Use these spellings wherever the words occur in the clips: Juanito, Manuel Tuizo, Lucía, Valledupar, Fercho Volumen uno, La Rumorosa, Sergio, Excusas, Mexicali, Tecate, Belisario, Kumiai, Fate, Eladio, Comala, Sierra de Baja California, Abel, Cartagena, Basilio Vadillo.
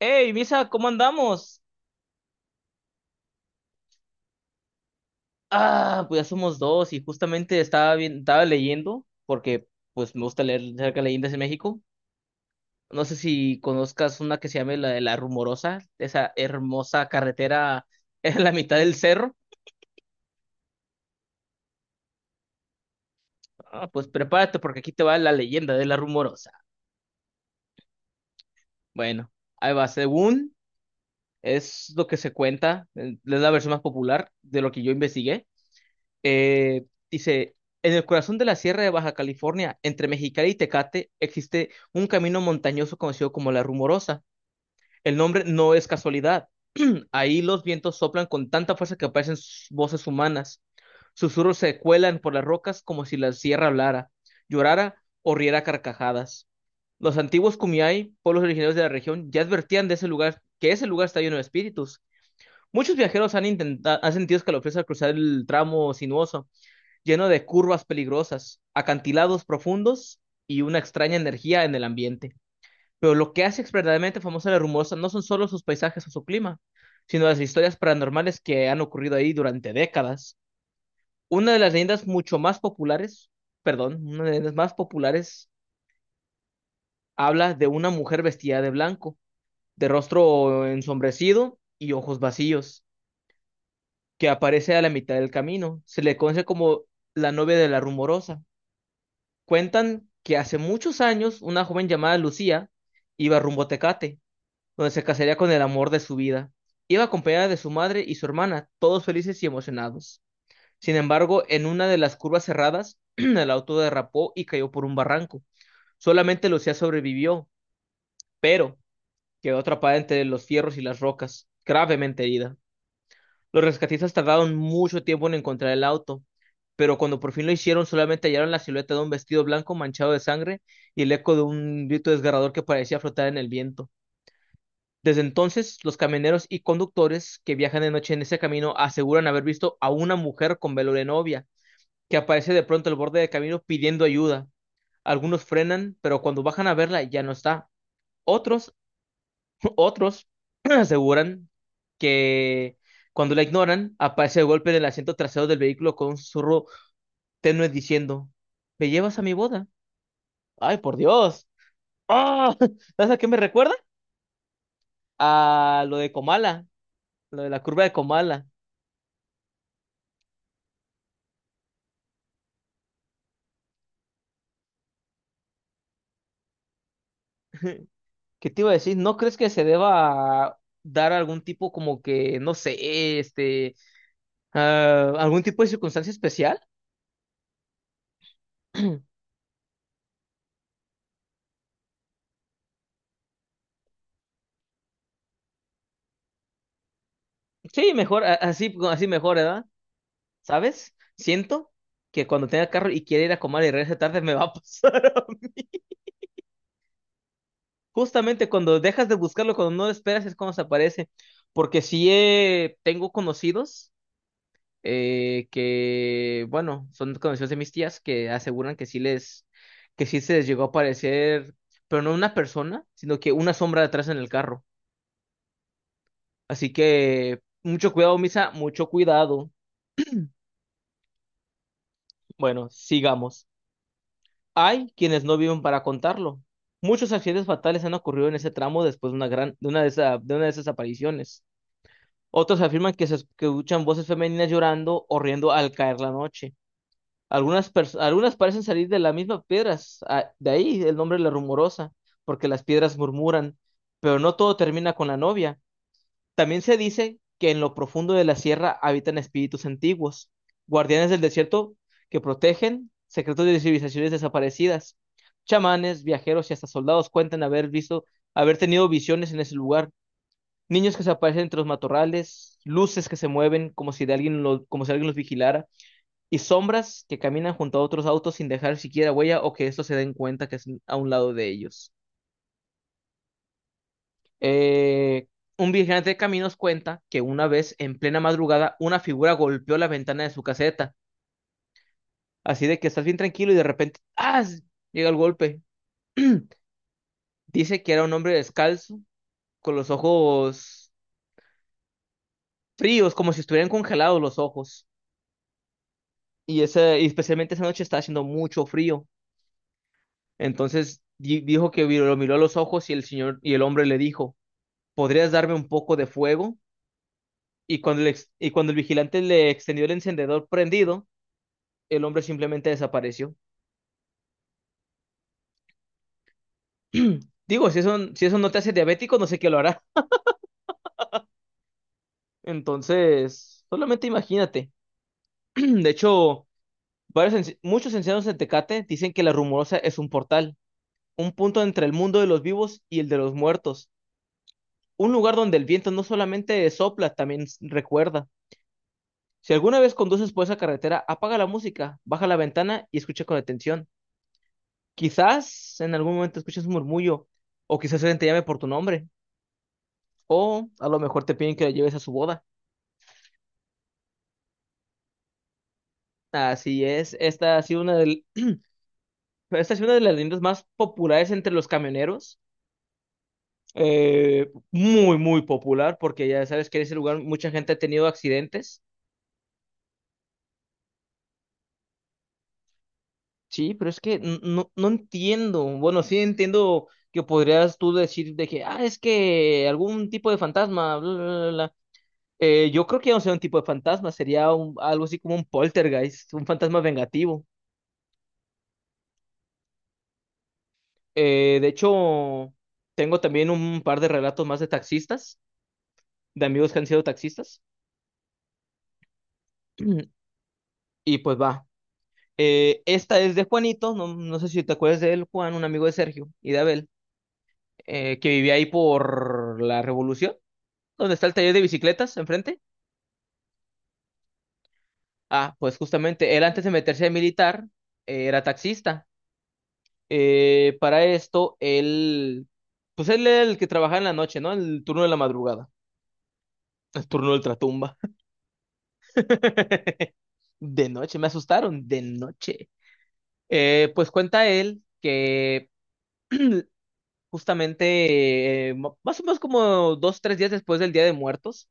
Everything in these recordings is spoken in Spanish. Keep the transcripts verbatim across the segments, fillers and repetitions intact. Hey, Misa, ¿cómo andamos? Ah, pues ya somos dos y justamente estaba bien, estaba leyendo porque pues me gusta leer acerca de leyendas de México. No sé si conozcas una que se llama la de la Rumorosa, esa hermosa carretera en la mitad del cerro. Ah, pues prepárate porque aquí te va la leyenda de la Rumorosa. Bueno, ahí va. Según es lo que se cuenta, eh, es la versión más popular de lo que yo investigué. Eh, dice, en el corazón de la Sierra de Baja California, entre Mexicali y Tecate, existe un camino montañoso conocido como La Rumorosa. El nombre no es casualidad. Ahí los vientos soplan con tanta fuerza que parecen s- voces humanas. Susurros se cuelan por las rocas como si la sierra hablara, llorara o riera a carcajadas. Los antiguos Kumiai, pueblos originarios de la región, ya advertían de ese lugar que ese lugar está lleno de espíritus. Muchos viajeros han intentado, han sentido escalofríos al cruzar el tramo sinuoso lleno de curvas peligrosas, acantilados profundos y una extraña energía en el ambiente. Pero lo que hace verdaderamente famosa la Rumosa no son solo sus paisajes o su clima, sino las historias paranormales que han ocurrido ahí durante décadas. Una de las leyendas mucho más populares, perdón, una de las leyendas más populares habla de una mujer vestida de blanco, de rostro ensombrecido y ojos vacíos, que aparece a la mitad del camino. Se le conoce como la novia de la Rumorosa. Cuentan que hace muchos años una joven llamada Lucía iba rumbo a Tecate, donde se casaría con el amor de su vida. Iba acompañada de su madre y su hermana, todos felices y emocionados. Sin embargo, en una de las curvas cerradas, el auto derrapó y cayó por un barranco. Solamente Lucía sobrevivió, pero quedó atrapada entre los fierros y las rocas, gravemente herida. Los rescatistas tardaron mucho tiempo en encontrar el auto, pero cuando por fin lo hicieron, solamente hallaron la silueta de un vestido blanco manchado de sangre y el eco de un grito desgarrador que parecía flotar en el viento. Desde entonces, los camioneros y conductores que viajan de noche en ese camino aseguran haber visto a una mujer con velo de novia, que aparece de pronto al borde del camino pidiendo ayuda. Algunos frenan, pero cuando bajan a verla ya no está. Otros otros aseguran que cuando la ignoran, aparece el golpe del asiento trasero del vehículo con un susurro tenue diciendo, ¿me llevas a mi boda? ¡Ay, por Dios! ¡Ah! ¿Sabes a qué me recuerda? A lo de Comala, lo de la curva de Comala. ¿Qué te iba a decir? ¿No crees que se deba dar algún tipo como que, no sé, este, ah, algún tipo de circunstancia especial? Sí, mejor, a- así, así mejor, ¿verdad? ¿Sabes? Siento que cuando tenga carro y quiera ir a comer y regrese tarde me va a pasar. a mí. Justamente cuando dejas de buscarlo, cuando no lo esperas, es cuando se aparece. Porque sí eh, tengo conocidos eh, que, bueno, son conocidos de mis tías que aseguran que sí les, que sí se les llegó a aparecer, pero no una persona, sino que una sombra detrás en el carro. Así que mucho cuidado, Misa, mucho cuidado. Bueno, sigamos. Hay quienes no viven para contarlo. Muchos accidentes fatales han ocurrido en ese tramo después de una gran, de una de esa- de una de esas apariciones. Otros afirman que se escuchan voces femeninas llorando o riendo al caer la noche. Algunas, pers- algunas parecen salir de las mismas piedras, ah, de ahí el nombre La Rumorosa, porque las piedras murmuran. Pero no todo termina con la novia. También se dice que en lo profundo de la sierra habitan espíritus antiguos, guardianes del desierto que protegen secretos de civilizaciones desaparecidas. Chamanes, viajeros y hasta soldados cuentan haber visto, haber tenido visiones en ese lugar. Niños que se aparecen entre los matorrales, luces que se mueven como si, de alguien lo- como si alguien los vigilara, y sombras que caminan junto a otros autos sin dejar siquiera huella o que estos se den cuenta que es a un lado de ellos. Eh, un vigilante de caminos cuenta que una vez en plena madrugada una figura golpeó la ventana de su caseta. Así de que estás bien tranquilo y de repente ¡ah! Llega el golpe. Dice que era un hombre descalzo, con los ojos fríos, como si estuvieran congelados los ojos. Y, ese, y especialmente esa noche estaba haciendo mucho frío. Entonces di- dijo que vi- lo miró a los ojos y el señor y el hombre le dijo, ¿podrías darme un poco de fuego? Y cuando el, ex- y cuando el vigilante le extendió el encendedor prendido, el hombre simplemente desapareció. Digo, si eso, si eso no te hace diabético, no sé qué lo hará. Entonces, solamente imagínate. De hecho, varios enci- muchos ancianos de Tecate dicen que la Rumorosa es un portal, un punto entre el mundo de los vivos y el de los muertos, un lugar donde el viento no solamente sopla, también s- recuerda. Si alguna vez conduces por esa carretera, apaga la música, baja la ventana y escucha con atención. Quizás en algún momento escuches un murmullo, o quizás alguien te llame por tu nombre. O a lo mejor te piden que la lleves a su boda. Así es, esta ha sido una del- esta ha sido una de las líneas más populares entre los camioneros. Eh, muy, muy popular, porque ya sabes que en ese lugar mucha gente ha tenido accidentes. Sí, pero es que n- no, no entiendo. Bueno, sí entiendo que podrías tú decir de que, ah, es que algún tipo de fantasma, bla, bla, bla, bla. Eh, yo creo que no sería un tipo de fantasma, sería un- algo así como un poltergeist, un fantasma vengativo. Eh, de hecho, tengo también un par de relatos más de taxistas, de amigos que han sido taxistas. Y pues va. Eh, esta es de Juanito, no, no sé si te acuerdas de él, Juan, un amigo de Sergio y de Abel, eh, que vivía ahí por la Revolución, donde está el taller de bicicletas enfrente. Ah, pues justamente, él antes de meterse a militar, eh, era taxista. Eh, para esto, él, pues él era el que trabajaba en la noche, ¿no? El turno de la madrugada, el turno de ultratumba. De noche, me asustaron, de noche. Eh, pues cuenta él que justamente eh, mo- más o menos como dos, tres días después del Día de Muertos,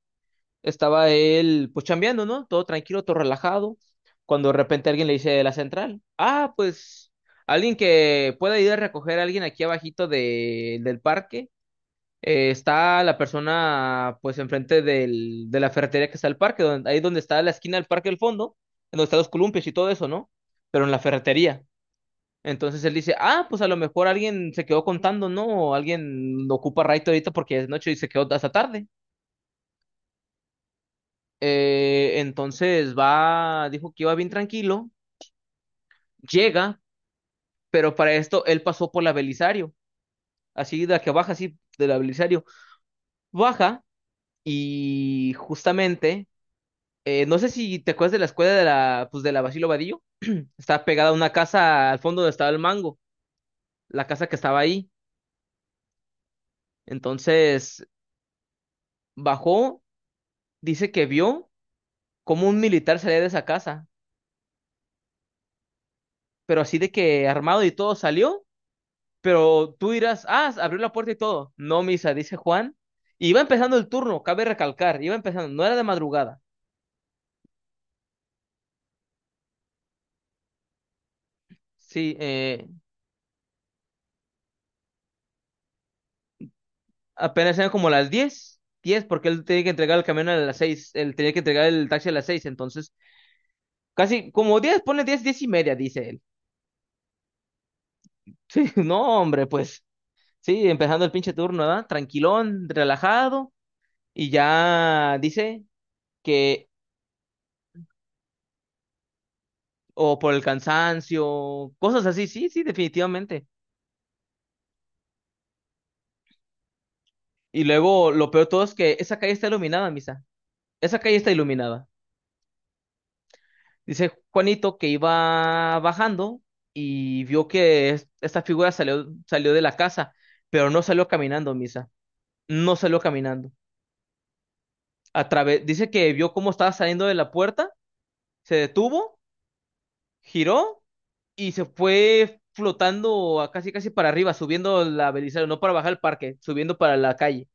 estaba él pues chambeando, ¿no? Todo tranquilo, todo relajado, cuando de repente alguien le dice de la central, ah, pues alguien que pueda ir a recoger a alguien aquí abajito de, del parque eh, está la persona pues enfrente del, de la ferretería que está el parque, donde, ahí donde está la esquina del parque del fondo, en donde están los columpios y todo eso, ¿no? Pero en la ferretería. Entonces él dice, ah, pues a lo mejor alguien se quedó contando, ¿no? O alguien ocupa Raito ahorita porque es noche y se quedó hasta tarde. Eh, entonces va, dijo que iba bien tranquilo, llega, pero para esto él pasó por la Belisario, así de la que baja, así de la Belisario, baja y justamente. Eh, no sé si te acuerdas de la escuela de la, pues de la Basilio Vadillo. Estaba pegada a una casa al fondo donde estaba el mango, la casa que estaba ahí. Entonces bajó, dice que vio cómo un militar salía de esa casa, pero así de que armado y todo salió. Pero tú dirás, ah, abrió la puerta y todo. No, Misa, dice Juan. Iba empezando el turno, cabe recalcar, iba empezando, no era de madrugada. Sí, eh, apenas eran como las diez diez porque él tenía que entregar el camión a las seis, él tenía que entregar el taxi a las seis, entonces casi como diez pone diez diez y media, dice él. Sí, no, hombre, pues sí, empezando el pinche turno, ¿verdad? Tranquilón, relajado, y ya dice que, o por el cansancio, cosas así, sí, sí, definitivamente. Y luego lo peor de todo es que esa calle está iluminada, Misa. Esa calle está iluminada. Dice Juanito que iba bajando y vio que es- esta figura salió, salió de la casa, pero no salió caminando, Misa. No salió caminando. A través, dice que vio cómo estaba saliendo de la puerta, se detuvo, giró y se fue flotando a casi casi para arriba, subiendo la Belisario, no para bajar el parque, subiendo para la calle.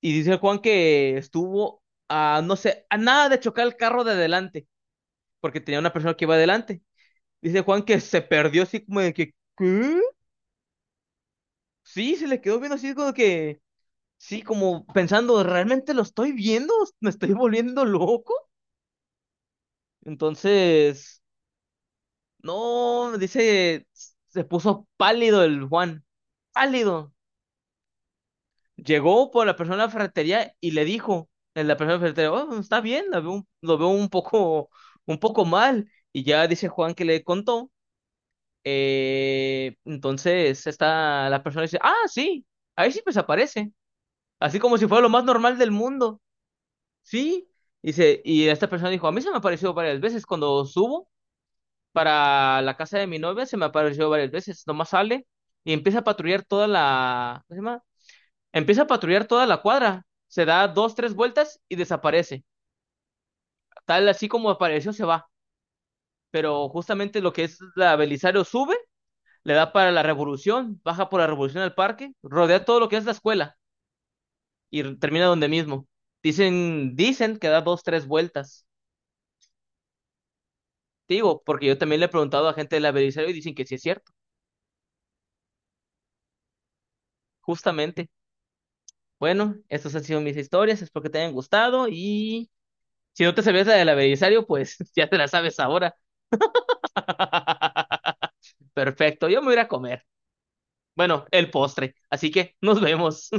Y dice Juan que estuvo a, no sé, a nada de chocar el carro de adelante, porque tenía una persona que iba adelante. Dice Juan que se perdió así como de que, ¿qué? Sí, se le quedó viendo así como que, sí, como pensando, ¿realmente lo estoy viendo? ¿Me estoy volviendo loco? Entonces, no, dice, se puso pálido el Juan, pálido. Llegó por la persona de la ferretería y le dijo, en la persona de la ferretería, oh, pues, está bien, lo veo, un- lo veo un poco, un poco mal. Y ya dice Juan que le contó. Eh, entonces está la persona dice, ah, sí, ahí sí pues aparece. Así como si fuera lo más normal del mundo. Sí. Dice, y esta persona dijo, a mí se me apareció varias veces cuando subo para la casa de mi novia, se me apareció varias veces. Nomás sale y empieza a patrullar toda la... ¿Cómo se llama? Empieza a patrullar toda la cuadra. Se da dos, tres vueltas y desaparece. Tal así como apareció, se va. Pero justamente lo que es la Belisario sube, le da para la Revolución, baja por la Revolución al parque, rodea todo lo que es la escuela y r- termina donde mismo. Dicen, dicen que da dos, tres vueltas. Te digo, porque yo también le he preguntado a gente de la Belisario y dicen que sí es cierto, justamente. Bueno, estas han sido mis historias, espero que te hayan gustado y si no te sabías la del Belisario, pues ya te la sabes ahora. Perfecto, yo me voy a ir a comer. Bueno, el postre. Así que nos vemos.